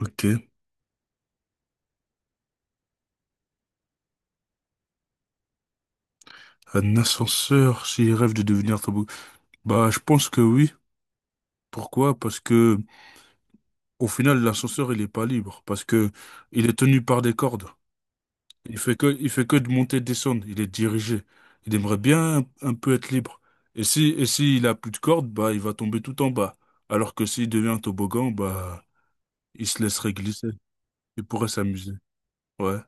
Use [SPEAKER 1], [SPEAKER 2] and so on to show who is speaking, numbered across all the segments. [SPEAKER 1] Ok. Un ascenseur s'il rêve de devenir tabou. Bah, je pense que oui. Pourquoi? Parce que, au final, l'ascenseur, il est pas libre. Parce que, il est tenu par des cordes. Il fait que de monter et de descendre. Il est dirigé. Il aimerait bien un peu être libre. Et si, et s'il a plus de cordes, bah, il va tomber tout en bas. Alors que s'il devient un toboggan, bah, il se laisserait glisser. Il pourrait s'amuser. Ouais.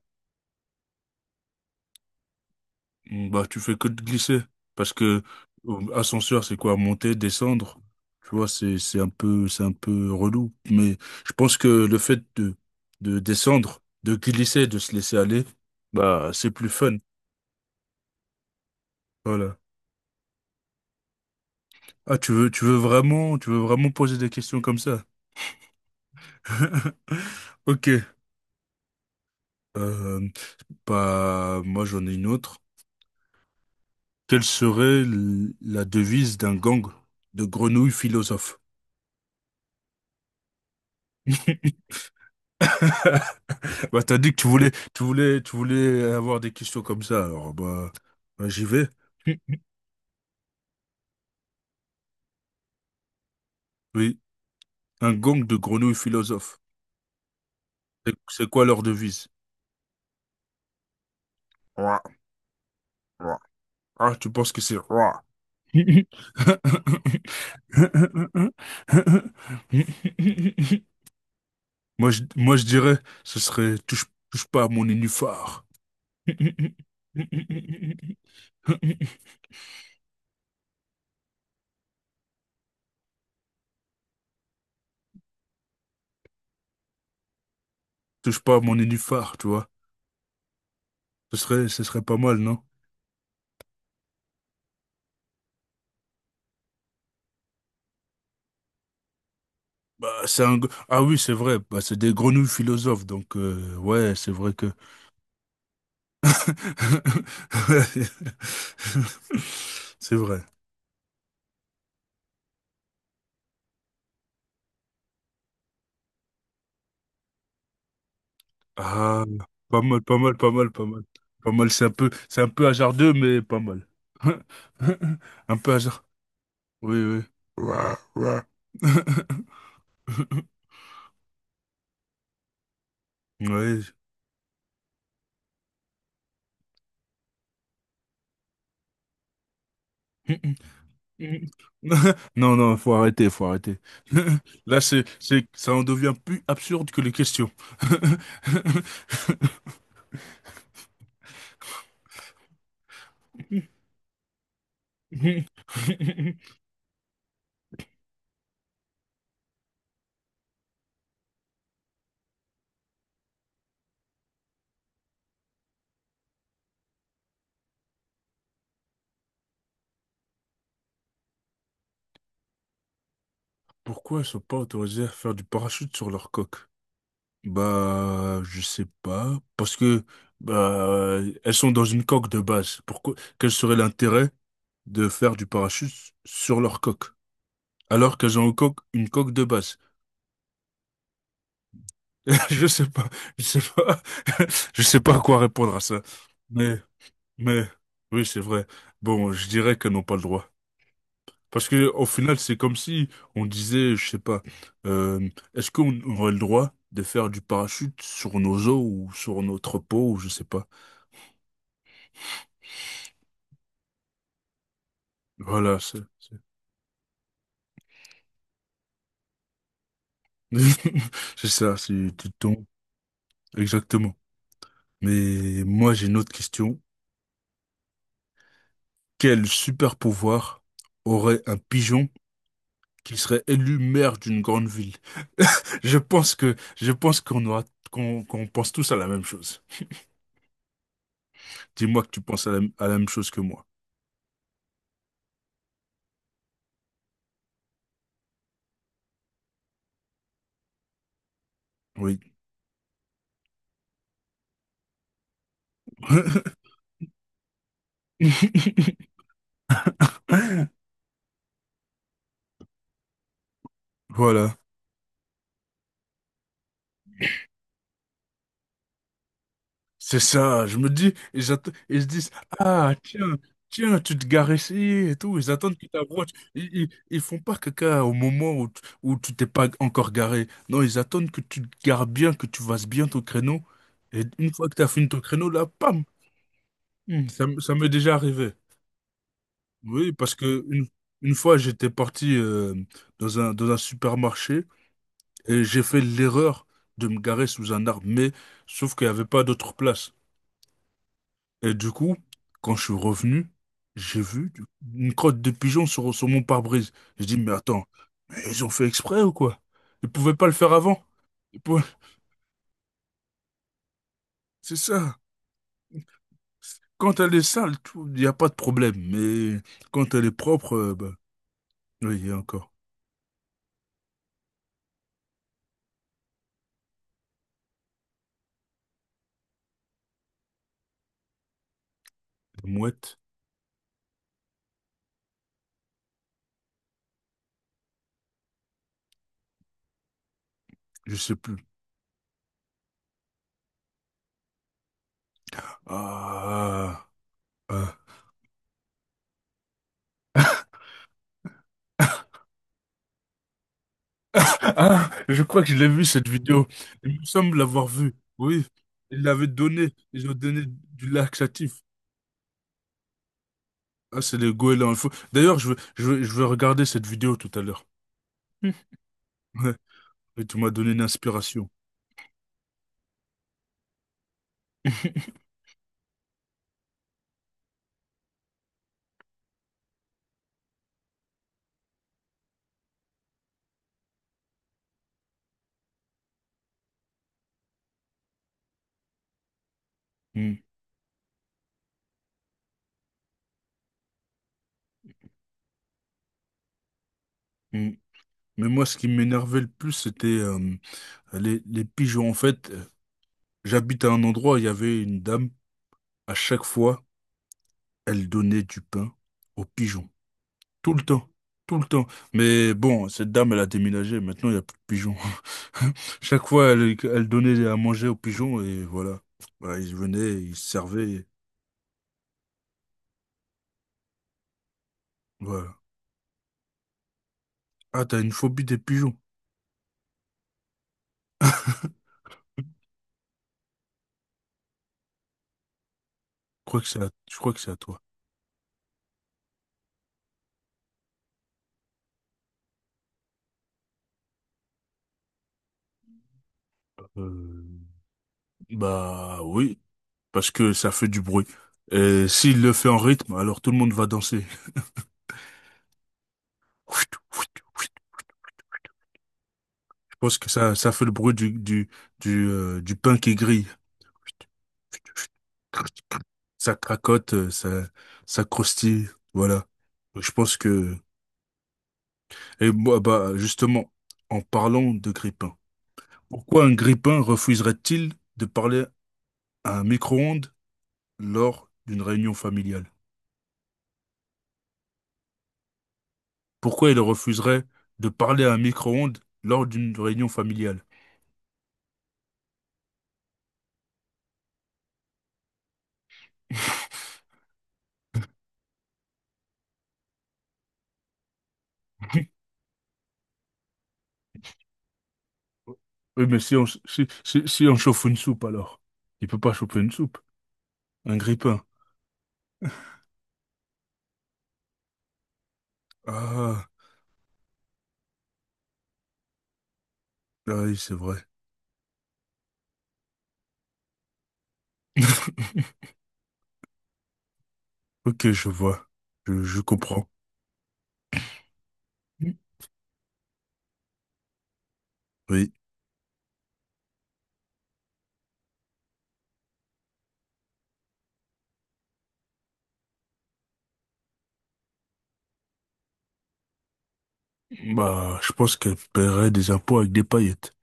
[SPEAKER 1] Bah, tu fais que de glisser. Parce que ascenseur, c'est quoi? Monter, descendre. Tu vois, c'est un peu relou. Mais je pense que le fait de descendre, de glisser, de se laisser aller, bah, c'est plus fun. Voilà. Ah, tu veux vraiment poser des questions comme ça? Ok. Euh, Bah, moi, j'en ai une autre. Quelle serait la devise d'un gang de grenouilles philosophes? Bah, t'as dit que tu voulais avoir des questions comme ça, alors bah, j'y vais. Mm. Oui, un gang de grenouilles philosophes. C'est quoi leur devise? Ouah, ouah. Ah, tu penses que c'est ouah. Moi, je dirais, ce serait touche, touche pas à mon nénuphar. Touche pas à mon nénuphar, tu vois. Ce serait pas mal, non? Bah, c'est un... Ah oui, c'est vrai, bah, c'est des grenouilles philosophes, donc ouais, c'est vrai que... C'est vrai. Ah, pas mal, pas mal, pas mal, pas mal. Pas mal, c'est un peu hasardeux, mais pas mal. Un peu hasard. Oui, oui. Ouais, ouais. Ouais. Mm. Non, non, faut arrêter, faut arrêter. Là, c'est ça en devient plus absurde que les questions. Pourquoi ils sont pas autorisés à faire du parachute sur leur coque? Bah, je sais pas. Parce que, bah, elles sont dans une coque de base. Pourquoi, quel serait l'intérêt de faire du parachute sur leur coque? Alors qu'elles ont une coque de base. Je sais pas, je sais pas, je sais pas à quoi répondre à ça. Mais oui, c'est vrai. Bon, je dirais qu'elles n'ont pas le droit. Parce que au final, c'est comme si on disait, je sais pas, euh, est-ce qu'on aurait le droit de faire du parachute sur nos os ou sur notre peau ou je sais pas. Voilà, c'est c'est ça, c'est tu tombes exactement. Mais moi, j'ai une autre question. Quel super pouvoir aurait un pigeon qui serait élu maire d'une grande ville? Je pense qu'on aura qu'on pense tous à la même chose. Dis-moi que tu penses à la même chose que moi. Oui. Voilà. C'est ça. Je me dis, ils se disent, ah, tiens, tiens, tu te gares ici et tout. Ils attendent que tu voiture. Ils font pas caca au moment où tu t'es pas encore garé. Non, ils attendent que tu te gares bien, que tu fasses bien ton créneau. Et une fois que tu as fini ton créneau, là, pam! Hmm, ça, ça m'est déjà arrivé. Oui, parce que une fois, j'étais parti dans dans un supermarché. Et j'ai fait l'erreur de me garer sous un arbre, mais sauf qu'il n'y avait pas d'autre place. Et du coup, quand je suis revenu, j'ai vu une crotte de pigeon sur mon pare-brise. J'ai dit, mais attends, mais ils ont fait exprès ou quoi? Ils pouvaient pas le faire avant. Ils pouvaient- C'est ça. Quand elle est sale, il n'y a pas de problème. Mais quand elle est propre, bah, oui, il y a encore. Des mouettes, je sais plus. Ah, ah. Ah, je crois que je l'ai vu cette vidéo. Il me semble l'avoir vue. Oui, il l'avait donné. Ils ont donné du laxatif. Ah, c'est les goélands. Il faut- D'ailleurs, je vais regarder cette vidéo tout à l'heure. Hmm. Ouais. Et tu m'as donné une inspiration. Hmm, hmm. Mais moi, ce qui m'énervait le plus, c'était les pigeons. En fait, j'habite à un endroit où il y avait une dame. À chaque fois, elle donnait du pain aux pigeons. Tout le temps, tout le temps. Mais bon, cette dame, elle a déménagé. Maintenant, il n'y a plus de pigeons. Chaque fois, elle donnait à manger aux pigeons et voilà. Voilà, ils venaient, ils se servaient. Voilà. Ah, t'as une phobie des pigeons. Je crois que c'est à, je crois que c'est à toi. Euh, Bah oui, parce que ça fait du bruit. Et s'il le fait en rythme, alors tout le monde va danser. Je pense que ça fait le bruit du pain qui grille. Ça cracote, ça, ça croustille, voilà. Je pense que... Et moi, bah, justement, en parlant de grippin, pourquoi un grippin refuserait-il de parler à un micro-ondes lors d'une réunion familiale? Pourquoi il refuserait de parler à un micro-ondes lors d'une réunion familiale? Oui, mais si on chauffe une soupe, alors. Il peut pas chauffer une soupe. Un grippin. Ah, ah oui, c'est vrai. Ok, je vois. Je comprends. Mm. Oui. Bah, je pense qu'elle paierait des impôts avec des paillettes.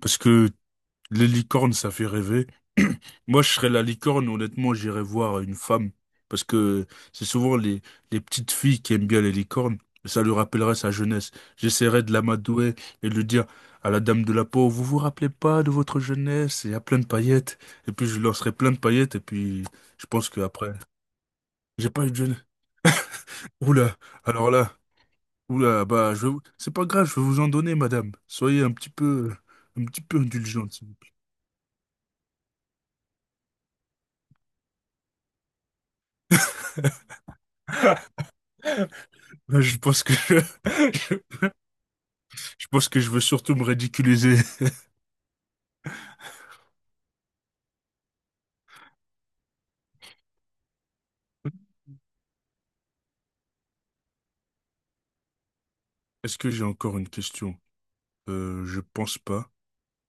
[SPEAKER 1] Parce que les licornes, ça fait rêver. Moi, je serais la licorne, honnêtement, j'irais voir une femme. Parce que c'est souvent les petites filles qui aiment bien les licornes. Ça lui rappellerait sa jeunesse. J'essaierais de l'amadouer et de lui dire à la dame de la peau, vous vous rappelez pas de votre jeunesse? Il y a plein de paillettes. Et puis, je lui lancerai plein de paillettes. Et puis, je pense qu'après, j'ai pas eu de jeunesse. Oula, alors là. Oula, bah, vais c'est pas grave, je vais vous en donner, madame. Soyez un petit peu indulgente. S'il vous plaît. Là, je pense que je pense que je veux surtout me ridiculiser. Est-ce que j'ai encore une question? Je pense pas.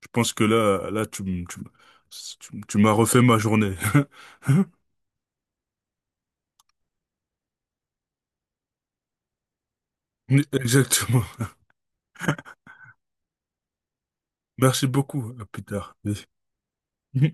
[SPEAKER 1] Je pense que là, là, tu m'as refait ma journée. Exactement. Merci beaucoup. À plus tard. Oui.